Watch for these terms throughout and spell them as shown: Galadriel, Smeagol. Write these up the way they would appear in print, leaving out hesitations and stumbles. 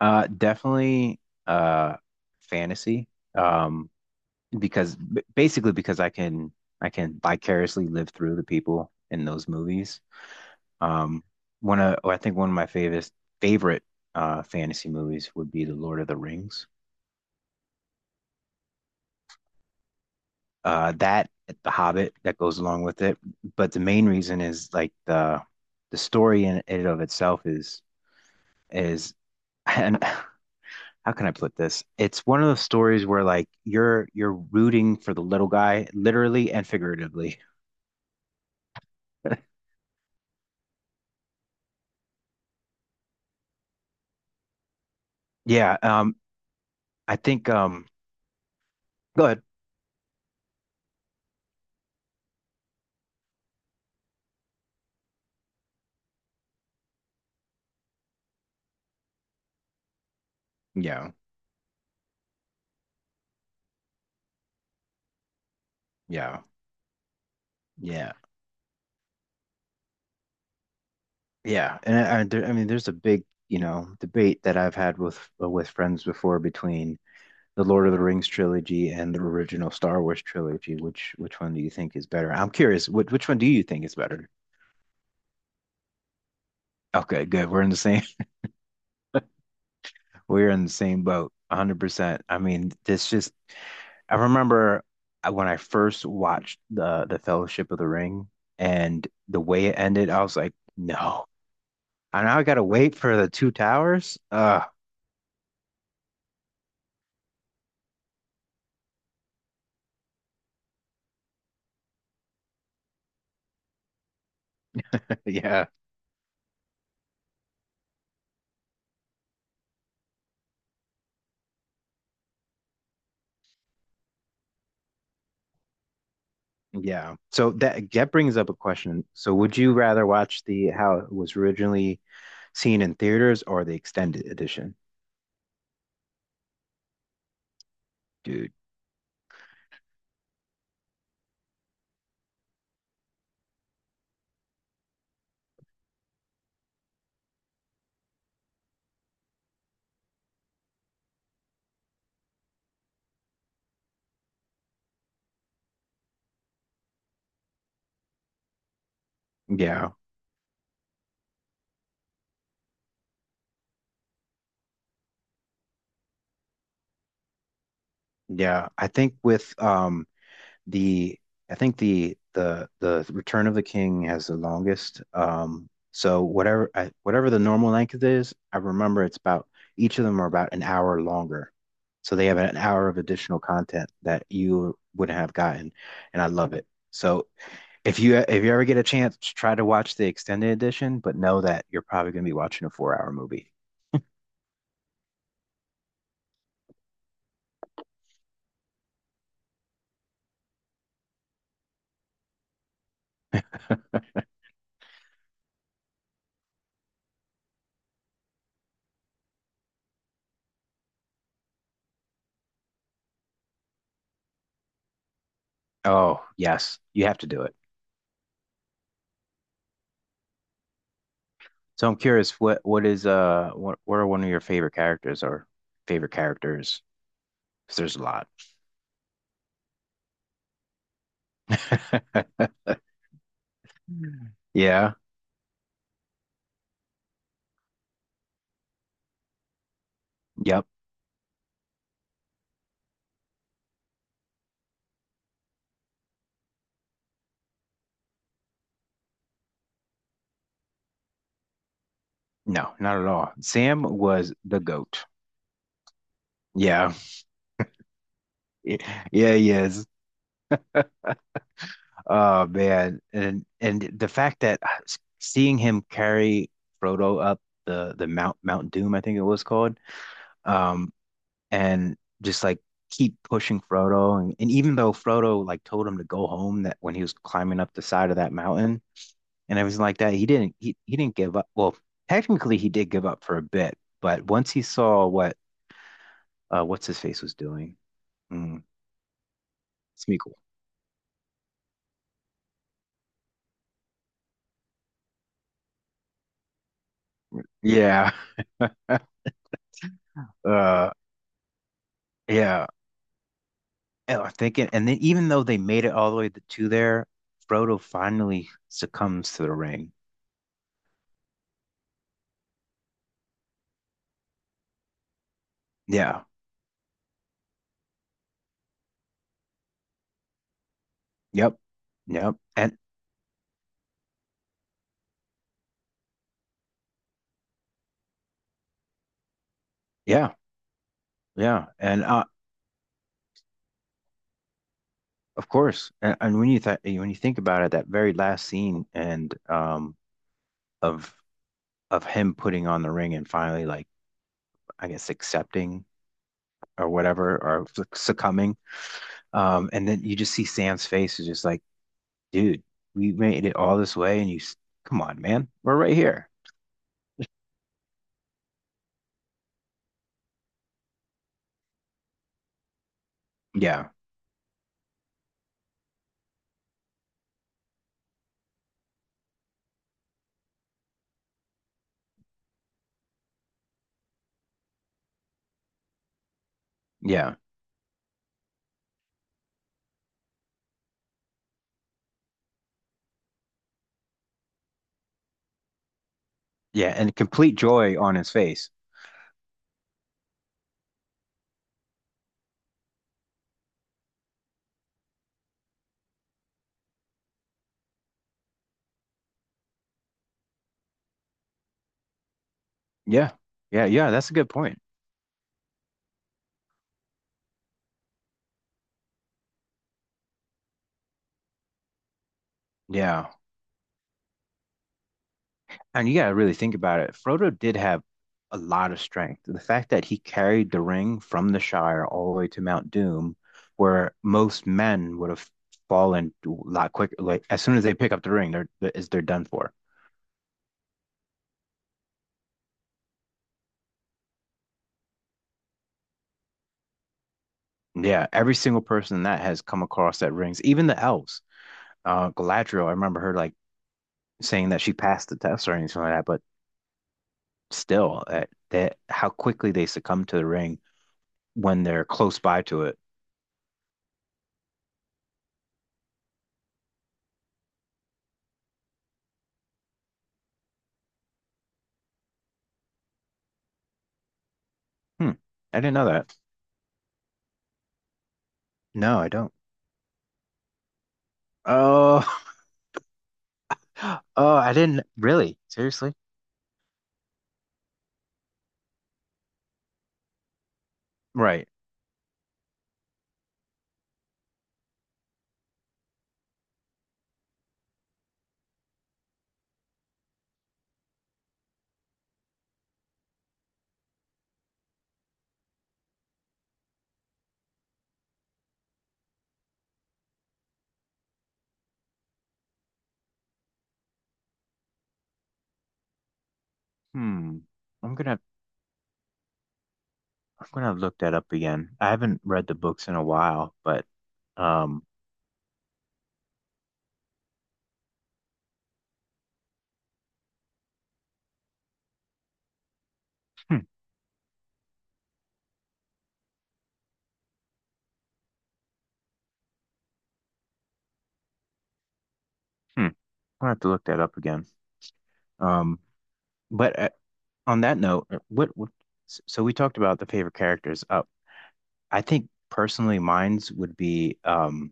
Definitely uh fantasy. Um, Basically because I can vicariously live through the people in those movies. Um, one of I think one of my favorite fantasy movies would be The Lord of the Rings. That The Hobbit that goes along with it. But the main reason is like the story in it of itself is and. How can I put this? It's one of those stories where like you're rooting for the little guy, literally and figuratively. Yeah. I think. Go ahead. Yeah. Yeah. Yeah. Yeah. And I mean, there's a big debate that I've had with friends before between the Lord of the Rings trilogy and the original Star Wars trilogy. Which one do you think is better? I'm curious. Which one do you think is better? Okay, good. We're in the same we're in the same boat. 100%. I mean, this just I remember when I first watched the Fellowship of the Ring and the way it ended, I was like, no. I now I gotta wait for the two towers. Yeah. Yeah. So that brings up a question. So would you rather watch the how it was originally seen in theaters or the extended edition? Dude. Yeah. Yeah. I think with the I think the Return of the King has the longest. So whatever the normal length is, I remember it's about each of them are about an hour longer. So they have an hour of additional content that you wouldn't have gotten, and I love it. So if you ever get a chance, try to watch the extended edition, but know that you're probably going to be watching a four-hour movie. Oh, yes, you have to do it. So I'm curious, what is what are one of your favorite characters? 'Cause there's a lot. Mm. Yeah. Yep. No, not at all. Sam was the goat. Yeah. Yeah, he is. Oh man, and the fact that seeing him carry Frodo up the Mount Doom, I think it was called, um, and just like keep pushing Frodo, and even though Frodo like told him to go home that when he was climbing up the side of that mountain and everything like that, he didn't give up. Well, technically he did give up for a bit, but once he saw what what's his face was doing, mm, Smeagol. Yeah, uh, yeah. Oh, I think it, and then even though they made it all the way to there, Frodo finally succumbs to the ring. Yeah. Yep. Yep. And yeah, yeah, and of course, and, when you th when you think about it, that very last scene and of of him putting on the ring and finally like I guess accepting or whatever or succumbing, and then you just see Sam's face is just like, dude, we made it all this way, come on, man, we're right here. Yeah. Yeah. Yeah, and complete joy on his face. Yeah. Yeah, yeah, that's a good point. Yeah. And you gotta really think about it. Frodo did have a lot of strength. The fact that he carried the ring from the Shire all the way to Mount Doom, where most men would have fallen a lot quicker. Like as soon as they pick up the ring, they're done for. Yeah, every single person that has come across that rings, even the elves. Galadriel, I remember her like saying that she passed the test or anything like that, but still, that how quickly they succumb to the ring when they're close by to it. Hmm. I didn't know that. No, I don't. Oh, oh, I didn't really. Seriously? Right. Hmm. I'm gonna I'm gonna look that up again. I haven't read the books in a while, but um, hmm, hmm. I'm gonna have to look that up again. Um, but on that note, what? So we talked about the favorite characters. I think personally, mine's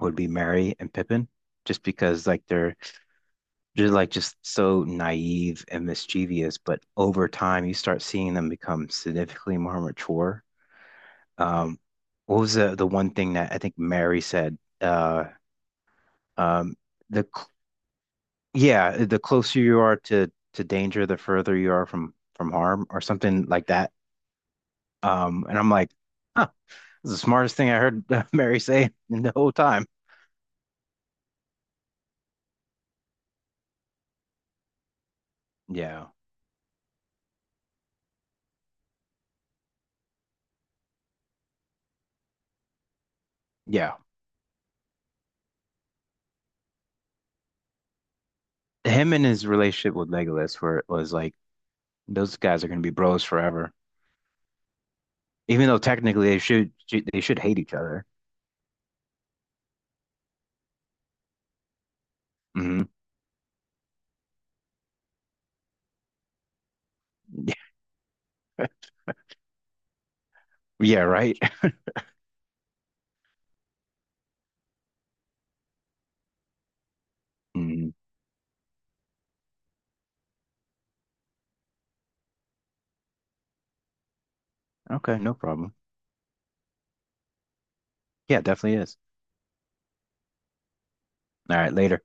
would be Mary and Pippin, just because like they're just like just so naive and mischievous, but over time you start seeing them become significantly more mature. Um, what was the one thing that I think Mary said? Um, the cl- yeah, the closer you are to danger, the further you are from harm, or something like that. And I'm like, huh, this is the smartest thing I heard Mary say in the whole time. Yeah, yeah. Him and his relationship with Legolas, where it was like, those guys are gonna be bros forever. Even though technically they should hate each other. Hmm. Yeah, right. Mhm. Okay, no problem. Yeah, it definitely is. All right, later.